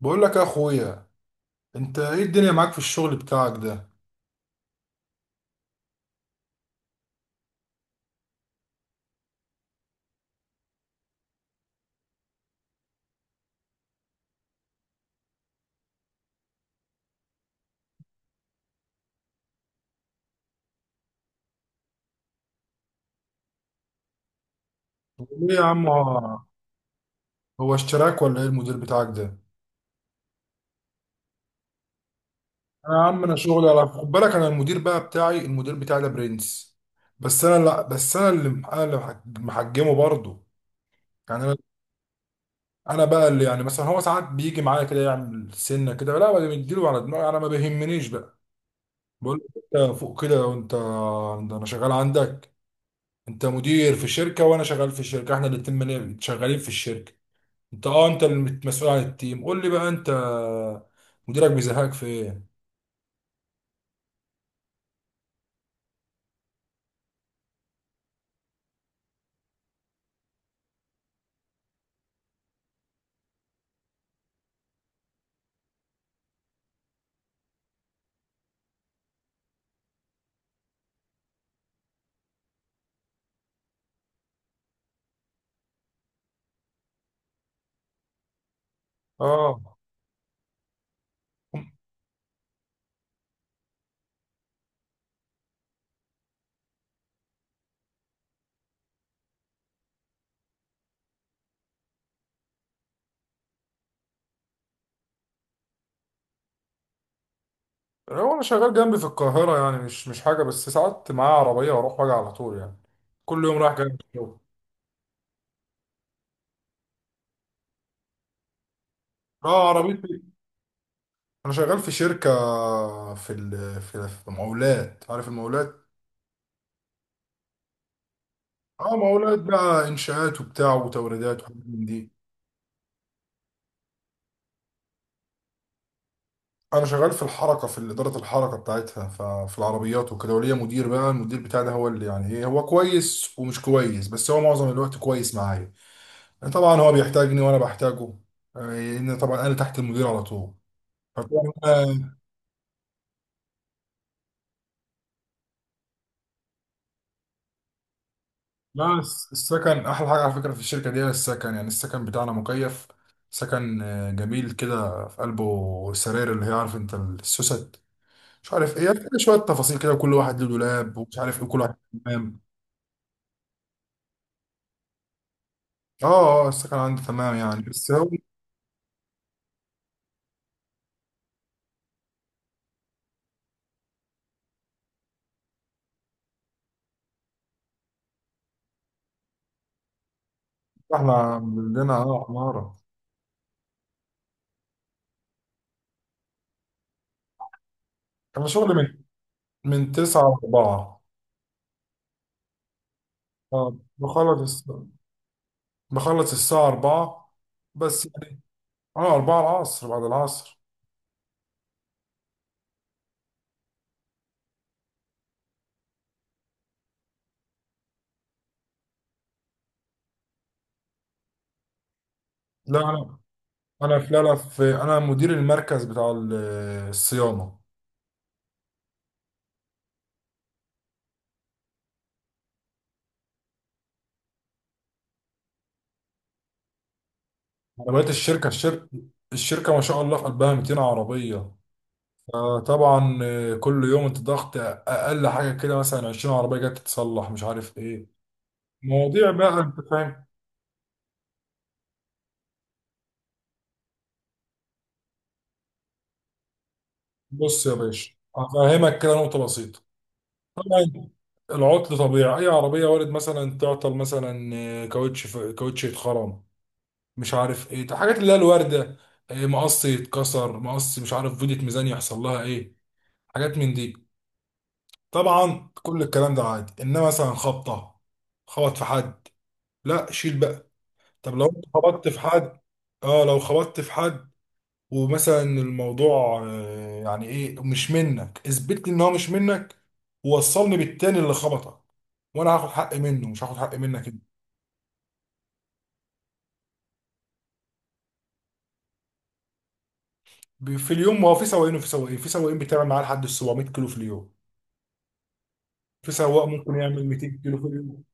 بقول لك يا اخويا، انت ايه الدنيا معاك في الشغل بتاعك ده؟ ليه يا عم، هو اشتراك ولا ايه المدير بتاعك ده؟ انا يا عم، انا شغلي على خد بالك. انا المدير بقى بتاعي، المدير بتاعي ده برنس. بس انا لا بس انا اللي محجمه برضه. يعني انا بقى اللي يعني مثلا هو ساعات بيجي معايا كده يعمل سنه كده، لا بديله على دماغي، انا ما بيهمنيش بقى. بقول له انت فوق كده وانت ده انا شغال عندك. انت مدير في شركه وانا شغال في شركه، احنا الاتنين شغالين في الشركه. انت، انت المسؤول عن التيم، قول لي بقى انت مديرك بيزهقك في ايه؟ اه. هو انا شغال جنبي في القاهره يعني، مش حاجه، بس ساعات معايا عربيه واروح واجي على طول يعني. كل يوم رايح جاي من الشغل. اه عربيتي. انا شغال في شركه، في ال... في مقاولات، عارف المقاولات؟ اه مقاولات بقى، انشاءات وبتاع وتوريدات وحاجات من دي. انا شغال في الحركه، في اداره الحركه بتاعتها، ففي العربيات وكده، وليا مدير بقى. المدير بتاعي ده هو اللي يعني ايه، هو كويس ومش كويس، بس هو معظم الوقت كويس معايا. يعني طبعا هو بيحتاجني وانا بحتاجه، لان طبعا انا تحت المدير على طول. فطبعا أنا- لا، السكن احلى حاجه على فكره في الشركه دي. هي السكن يعني، السكن بتاعنا مكيف. سكن، جميل كده، في قلبه سراير، اللي هي عارف انت السوست مش عارف ايه، يعني شويه تفاصيل كده، وكل واحد له دولاب ومش عارف ايه كل واحد. تمام. اه اه، السكن عندي تمام يعني، بس هو احنا عندنا عمارة. انا شغلي من تسعة لأربعة. اه بخلص الساعة أربعة بس يعني. اه أربعة العصر، بعد العصر. لا أنا أنا في لا لا في أنا مدير المركز بتاع الصيانة. عربيات الشركة. الشركة ما شاء الله في قلبها 200 عربية. طبعا، كل يوم انت ضغط. أقل حاجة كده مثلا 20 عربية جت تتصلح مش عارف ايه، مواضيع بقى انت فاهم. بص يا باشا، هفهمك كده نقطة بسيطة. طبعا العطل طبيعي، أي عربية وارد مثلا تعطل. مثلا كاوتش يتخرم، مش عارف إيه، حاجات اللي هي الواردة. مقص يتكسر، مقص مش عارف، فيدية، ميزان يحصل لها إيه، حاجات من دي. طبعا كل الكلام ده عادي، إنما مثلا خبطة، خبط في حد، لا شيل بقى. طب لو أنت خبطت في حد. اه لو خبطت في حد ومثلا الموضوع، يعني ايه، مش منك، اثبت لي ان هو مش منك، ووصلني بالتاني اللي خبطك، وانا هاخد حق منه، مش هاخد حق منك انت. في اليوم، ما هو في سواقين وفي سواقين. في سواقين بتعمل معاه لحد 700 كيلو في اليوم. في سواق ممكن يعمل 200 كيلو في اليوم.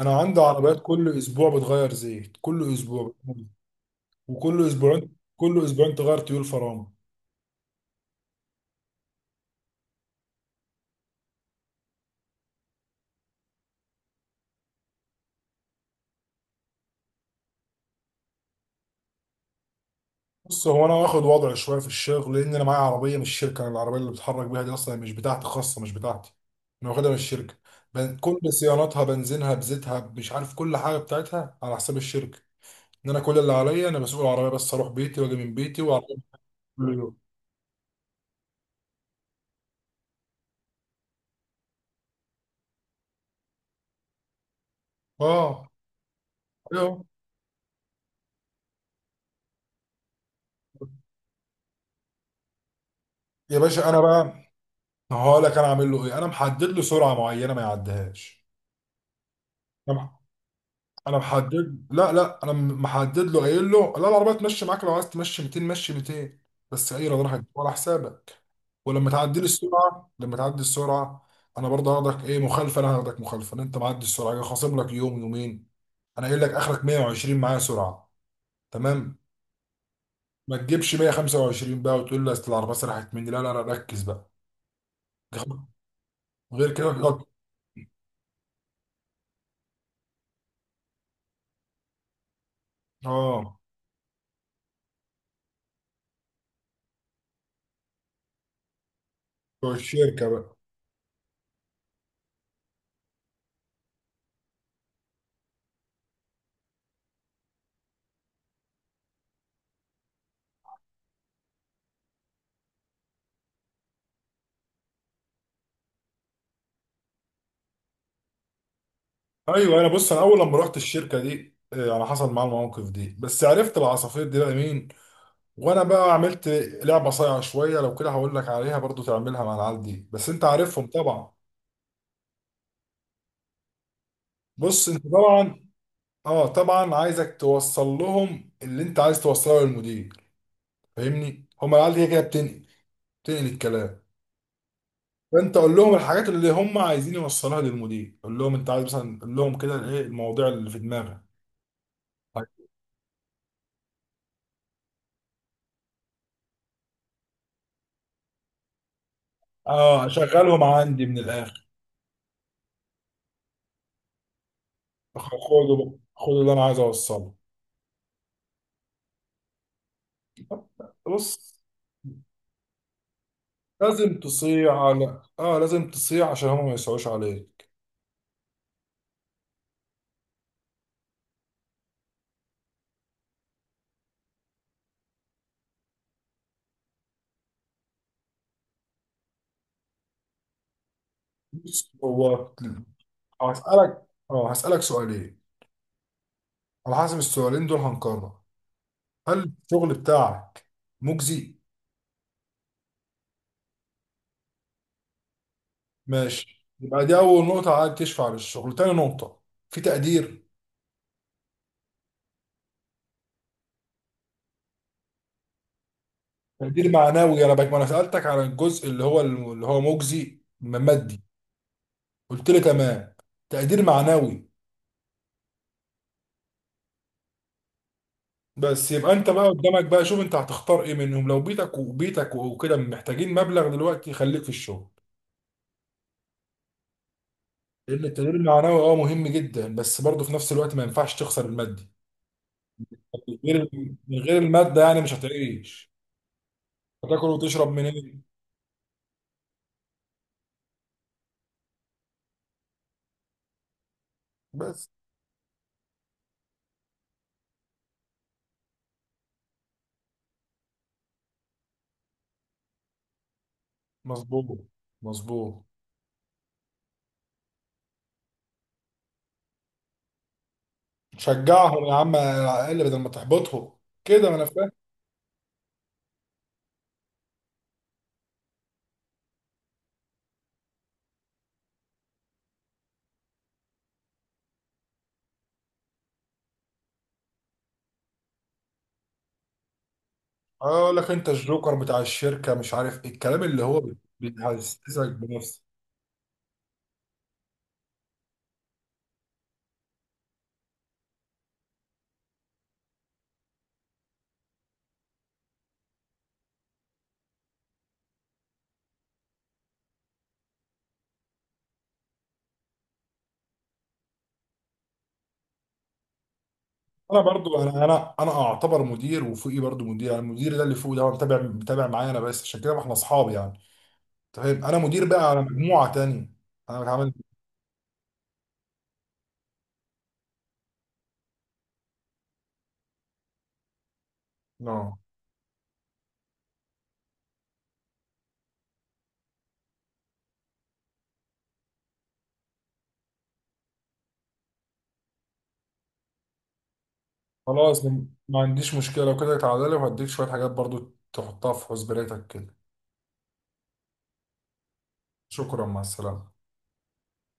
انا عندي عربيات كل اسبوع بتغير زيت، كل اسبوع. وكل اسبوعين تغير تيول فرامل. بص، هو انا واخد وضع شويه في الشغل، لان انا معايا عربيه من الشركه. انا العربيه اللي بتحرك بيها دي اصلا مش بتاعتي، خاصه مش بتاعتي. انا واخدها من الشركه. كل صيانتها، بنزينها، بزيتها، مش عارف، كل حاجه بتاعتها على حساب الشركه. ان انا كل اللي عليا انا مسؤول العربيه، بس اروح بيتي واجي من بيتي وعربيه كل يوم. اه. ايوه يا باشا، انا بقى هقول لك انا عامل له ايه. انا محدد له سرعه معينه ما يعديهاش. انا محدد، لا انا محدد له، قايل له لا، العربيه تمشي معاك، لو عايز تمشي 200 مشي 200، بس اي راجل ولا حسابك. ولما تعدي لي السرعه، لما تعدي السرعه، انا برضه هاخدك ايه، مخالفه. انا هاخدك مخالفه إن انت معدي السرعه، أنا خاصم لك يوم يومين. انا قايل لك اخرك 120 معايا سرعه، تمام. ما تجيبش 125 بقى وتقول لي اصل العربيه سرحت مني، لا لا لا ركز بقى. غير كده غير كده. اه بتوع الشركه بقى. ايوه، انا بص، انا اول لما رحت الشركه دي، انا حصل معايا المواقف دي، بس عرفت العصافير دي بقى مين. وانا بقى عملت لعبه صايعه شويه، لو كده هقول لك عليها برضو تعملها مع العيال دي، بس انت عارفهم طبعا. بص انت طبعا، اه طبعا عايزك توصل لهم اللي انت عايز توصله للمدير، فاهمني؟ هما العيال دي كده بتنقل، بتنقل الكلام. فانت قول لهم الحاجات اللي هم عايزين يوصلوها للمدير، قول لهم انت عايز مثلا، قول لهم كده ايه المواضيع اللي في دماغك. طيب. اه اشغلهم عندي من الاخر. خده بقى، خد اللي انا عايز اوصله. بص، لازم تصيع على لازم تصيع عشان هما ما يسعوش عليك. بص هو هسألك اه هسألك سؤالين، على حسب السؤالين دول هنقرر. هل الشغل بتاعك مجزي؟ ماشي، يبقى دي أول نقطة عايز تشفع للشغل. تاني نقطة، في تقدير؟ تقدير معنوي. أنا بك ما أنا سألتك على الجزء اللي هو اللي هو مجزي مادي، قلت لي تمام. تقدير معنوي. بس يبقى انت بقى قدامك بقى، شوف انت هتختار ايه منهم. لو بيتك وبيتك وكده محتاجين مبلغ دلوقتي، خليك في الشغل. لان التدريب المعنوي مهم جدا بس برضه، في نفس الوقت ما ينفعش تخسر المادي. من غير من غير المادة يعني مش هتعيش، هتاكل وتشرب منين؟ بس مظبوط، مظبوط شجعهم يا عم على الاقل بدل ما تحبطهم كده. ما انا فاهم. اه اقول لك، انت الجوكر بتاع الشركة، مش عارف ايه الكلام اللي هو بيحسسك بنفسك. انا برضو، انا اعتبر مدير وفوقي برضو مدير. يعني المدير ده اللي فوق ده هو متابع، متابع معايا. انا بس عشان كده، ما احنا اصحاب يعني. أنت فاهم، انا مدير بقى على مجموعه تانية، انا بتعامل. اه خلاص، ما عنديش مشكله. لو كده تعالى لي وهديك شويه حاجات برضو تحطها في حسبانيتك كده. شكرا، مع السلامه.